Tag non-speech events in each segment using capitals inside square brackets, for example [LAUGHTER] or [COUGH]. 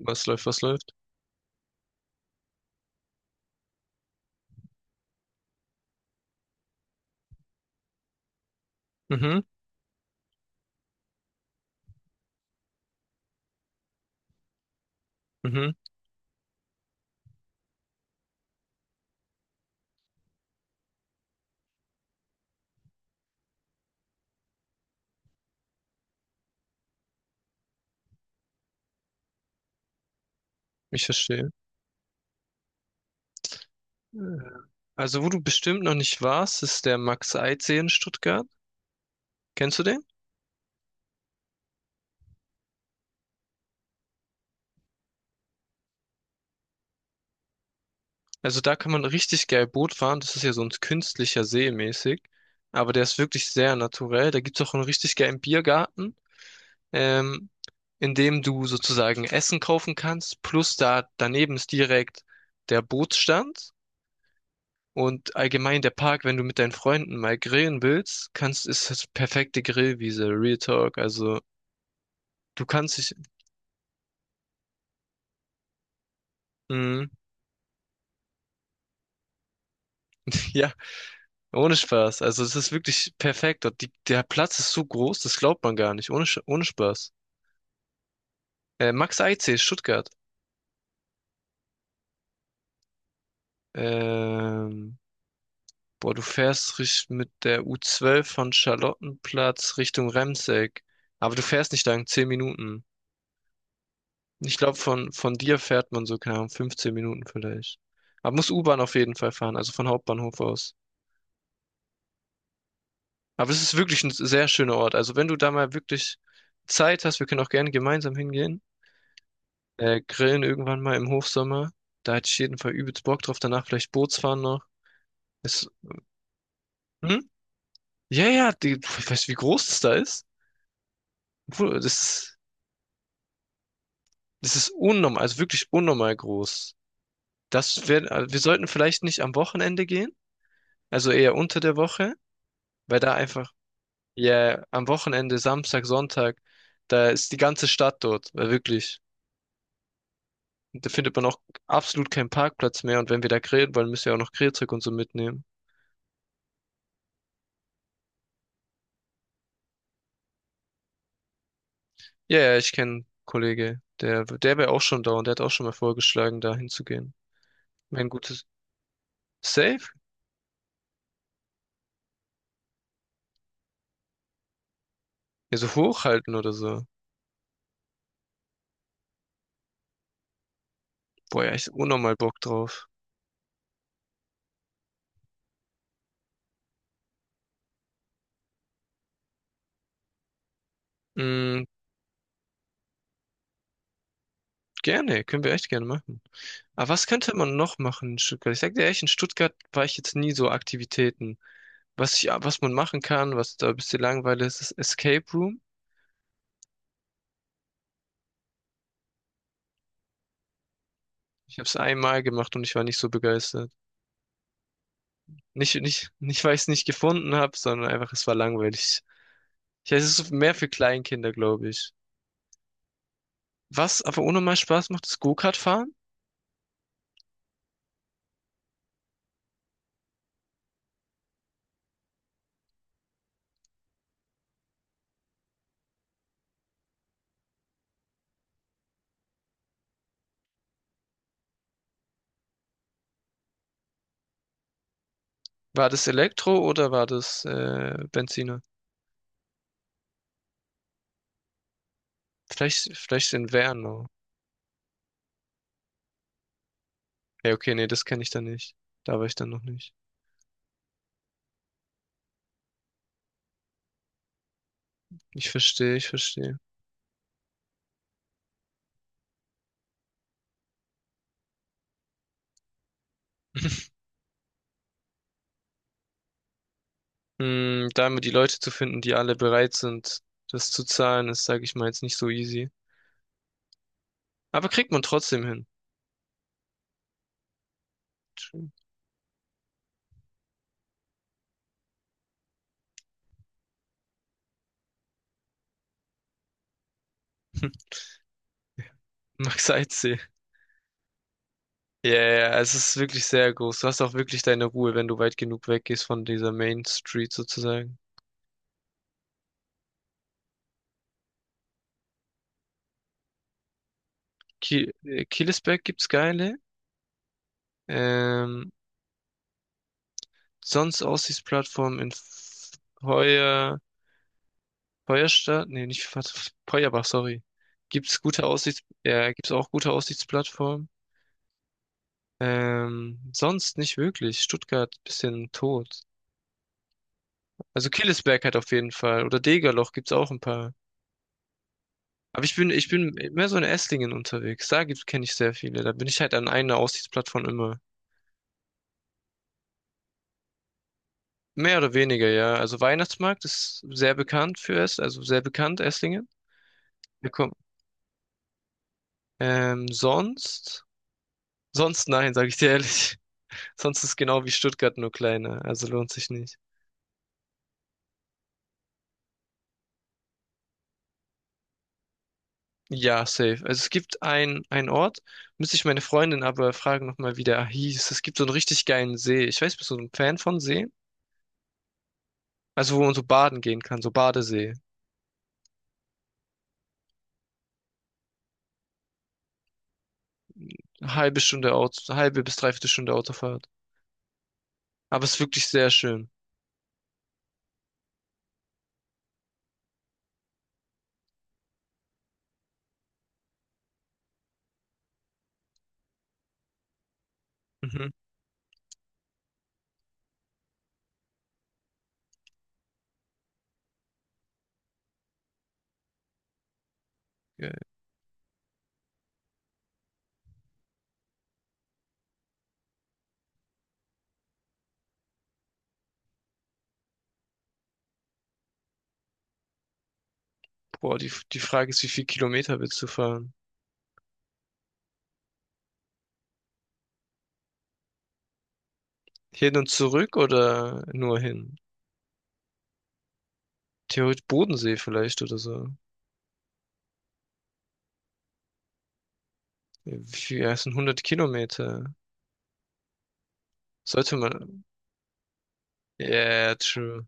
Was läuft, was läuft? Mhm, mhm. Ich verstehe. Äh, Also, wo du bestimmt noch nicht warst, ist der Max-Eyck-See in Stuttgart. Kennst du den? Also, da kann man richtig geil Boot fahren. Das ist ja so ein künstlicher See mäßig. Aber der ist wirklich sehr naturell. Da gibt's auch einen richtig geilen Biergarten, ähm, in dem du sozusagen Essen kaufen kannst. Plus da daneben ist direkt der Bootsstand. Und allgemein der Park, wenn du mit deinen Freunden mal grillen willst, kannst, ist das perfekte Grillwiese, Real Talk. Also du kannst dich. Mhm. [LAUGHS] Ja, ohne Spaß. Also es ist wirklich perfekt dort. Der Platz ist so groß, das glaubt man gar nicht. Ohne Spaß. Max Eitzee, Stuttgart. Ähm, Boah, du fährst mit der U12 von Charlottenplatz Richtung Remseck. Aber du fährst nicht lang, 10 Minuten. Ich glaube, von dir fährt man so, keine Ahnung, 15 Minuten vielleicht. Aber muss U-Bahn auf jeden Fall fahren, also von Hauptbahnhof aus. Aber es ist wirklich ein sehr schöner Ort. Also wenn du da mal wirklich Zeit hast, wir können auch gerne gemeinsam hingehen. Grillen irgendwann mal im Hofsommer, da hätte ich jeden Fall übelst Bock drauf. Danach vielleicht Bootsfahren noch. Ist, hm? Ja, ja, die, ich weiß, wie groß das da ist. Obwohl, das ist unnormal, also wirklich unnormal groß. Das wär, also wir sollten vielleicht nicht am Wochenende gehen, also eher unter der Woche, weil da einfach, ja, am Wochenende, Samstag, Sonntag, da ist die ganze Stadt dort, weil wirklich. Da findet man auch absolut keinen Parkplatz mehr, und wenn wir da grillen wollen, müssen wir auch noch Grillzeug und so mitnehmen. Ja, ja, ich kenne einen Kollege, der wäre auch schon da, und der hat auch schon mal vorgeschlagen, da hinzugehen. Wäre ein gutes Safe? Ja, so hochhalten oder so. Boah, ja, ich hab unnormal Bock drauf. Mm, Gerne, können wir echt gerne machen. Aber was könnte man noch machen in Stuttgart? Ich sag dir ehrlich, in Stuttgart war ich jetzt nie so Aktivitäten. Was ich, was man machen kann, was da ein bisschen langweilig ist, ist Escape Room. Ich habe es einmal gemacht und ich war nicht so begeistert. Nicht, nicht, nicht, weil ich es nicht gefunden habe, sondern einfach, es war langweilig. Ich weiß, es ist mehr für Kleinkinder, glaube ich. Was aber ohne mal Spaß macht, ist Go-Kart fahren. War das Elektro oder war das Benziner? Vielleicht, vielleicht in Werner. Ja, okay, nee, das kenne ich dann nicht. Da war ich dann noch nicht. Ich verstehe, ich verstehe. [LAUGHS] Hm, da immer die Leute zu finden, die alle bereit sind, das zu zahlen, ist, sage ich mal, jetzt nicht so easy. Aber kriegt man trotzdem hin. [LAUGHS] Max Eitzee. Ja, yeah, es ist wirklich sehr groß. Du hast auch wirklich deine Ruhe, wenn du weit genug weggehst von dieser Main Street sozusagen. Killesberg gibt's geile. Ähm, Sonst Aussichtsplattform in Feuer, Feuerstadt, nee, nicht Feuerbach, sorry. Ja, gibt's auch gute Aussichtsplattformen. Sonst nicht wirklich. Stuttgart bisschen tot. Also Killesberg hat auf jeden Fall. Oder Degerloch gibt's auch ein paar. Aber ich bin mehr so in Esslingen unterwegs. Da kenne ich sehr viele. Da bin ich halt an einer Aussichtsplattform immer. Mehr oder weniger, ja. Also Weihnachtsmarkt ist sehr bekannt für es, also sehr bekannt, Esslingen. Wir kommen. Sonst? Sonst nein, sage ich dir ehrlich. [LAUGHS] Sonst ist genau wie Stuttgart nur kleiner. Also lohnt sich nicht. Ja, safe. Also es gibt einen Ort, müsste ich meine Freundin aber fragen nochmal, wie der hieß. Es gibt so einen richtig geilen See. Ich weiß, bist du so ein Fan von Seen? Also wo man so baden gehen kann, so Badesee. Eine halbe Stunde Auto, halbe bis dreiviertel Stunde Autofahrt. Aber es ist wirklich sehr schön. Mhm. Geil. Boah, die Frage ist, wie viel Kilometer willst du fahren? Hin und zurück oder nur hin? Theoretisch Bodensee vielleicht oder so. Ja, ja, es sind 100 Kilometer. Sollte man. Yeah, true.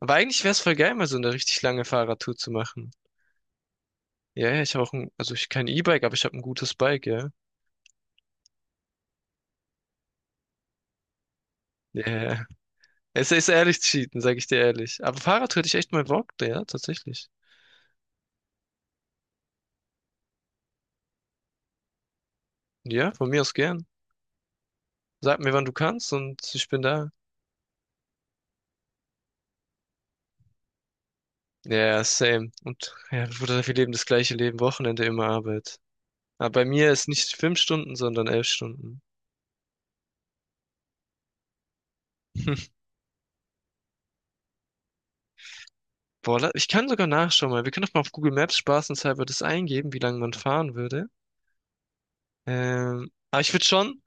Aber eigentlich wäre es voll geil, mal so eine richtig lange Fahrradtour zu machen. Ja, yeah, ich habe auch ein, also ich kein E-Bike, aber ich habe ein gutes Bike, ja. Yeah. Es ist ehrlich cheaten, sag ich dir ehrlich. Aber Fahrrad hätte ich echt mal Bock, ja, tatsächlich. Ja, von mir aus gern. Sag mir, wann du kannst, und ich bin da. Ja, ja, same. Und ja, Bruder, wir leben das gleiche Leben, Wochenende immer Arbeit. Aber bei mir ist nicht 5 Stunden, sondern 11 Stunden. [LAUGHS] Boah, ich kann sogar nachschauen mal. Wir können doch mal auf Google Maps spaßenshalber das eingeben, wie lange man fahren würde. Aber ich würde schon,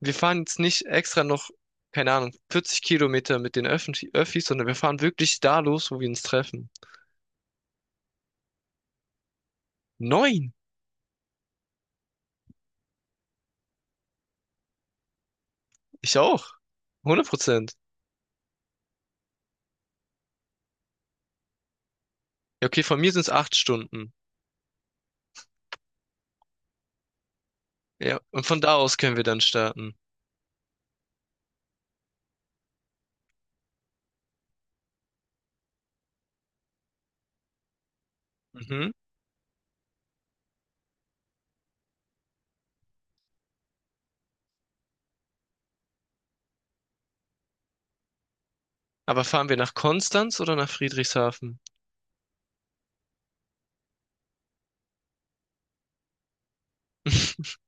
wir fahren jetzt nicht extra noch, keine Ahnung, 40 Kilometer mit den Öffentlich Öffis, sondern wir fahren wirklich da los, wo wir uns treffen. Neun! Ich auch. 100%. Ja, okay, von mir sind es 8 Stunden. Ja, und von da aus können wir dann starten. Mhm. Aber fahren wir nach Konstanz oder nach Friedrichshafen? [LAUGHS]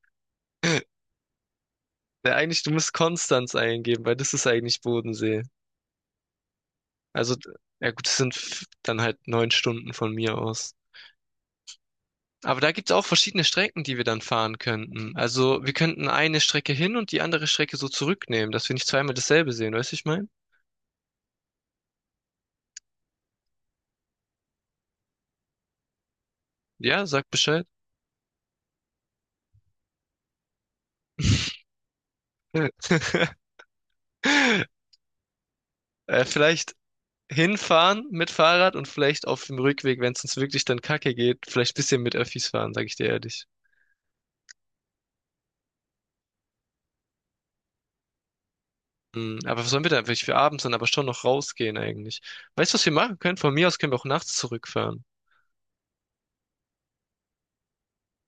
Ja, eigentlich, du musst Konstanz eingeben, weil das ist eigentlich Bodensee. Also, ja gut, das sind dann halt 9 Stunden von mir aus. Aber da gibt's auch verschiedene Strecken, die wir dann fahren könnten. Also, wir könnten eine Strecke hin und die andere Strecke so zurücknehmen, dass wir nicht zweimal dasselbe sehen, weißt du, ich mein? Ja, sag Bescheid. [LAUGHS] Vielleicht hinfahren mit Fahrrad und vielleicht auf dem Rückweg, wenn es uns wirklich dann kacke geht, vielleicht ein bisschen mit Öffis fahren, sag ich dir ehrlich. Hm, aber was sollen wir da eigentlich für abends dann aber schon noch rausgehen eigentlich? Weißt du, was wir machen können? Von mir aus können wir auch nachts zurückfahren.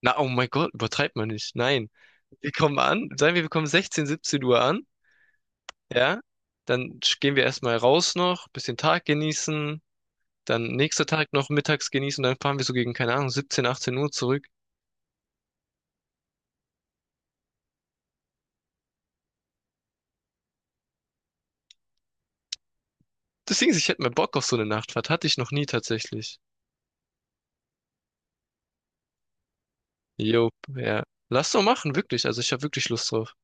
Na, oh mein Gott, übertreibt man nicht. Nein. Wir kommen an, sagen wir, wir kommen 16, 17 Uhr an, ja? Dann gehen wir erstmal raus noch, bisschen Tag genießen, dann nächster Tag noch mittags genießen, dann fahren wir so gegen, keine Ahnung, 17, 18 Uhr zurück. Deswegen, ich hätte mal Bock auf so eine Nachtfahrt, hatte ich noch nie tatsächlich. Jo, ja. Lass doch machen, wirklich. Also ich habe wirklich Lust drauf.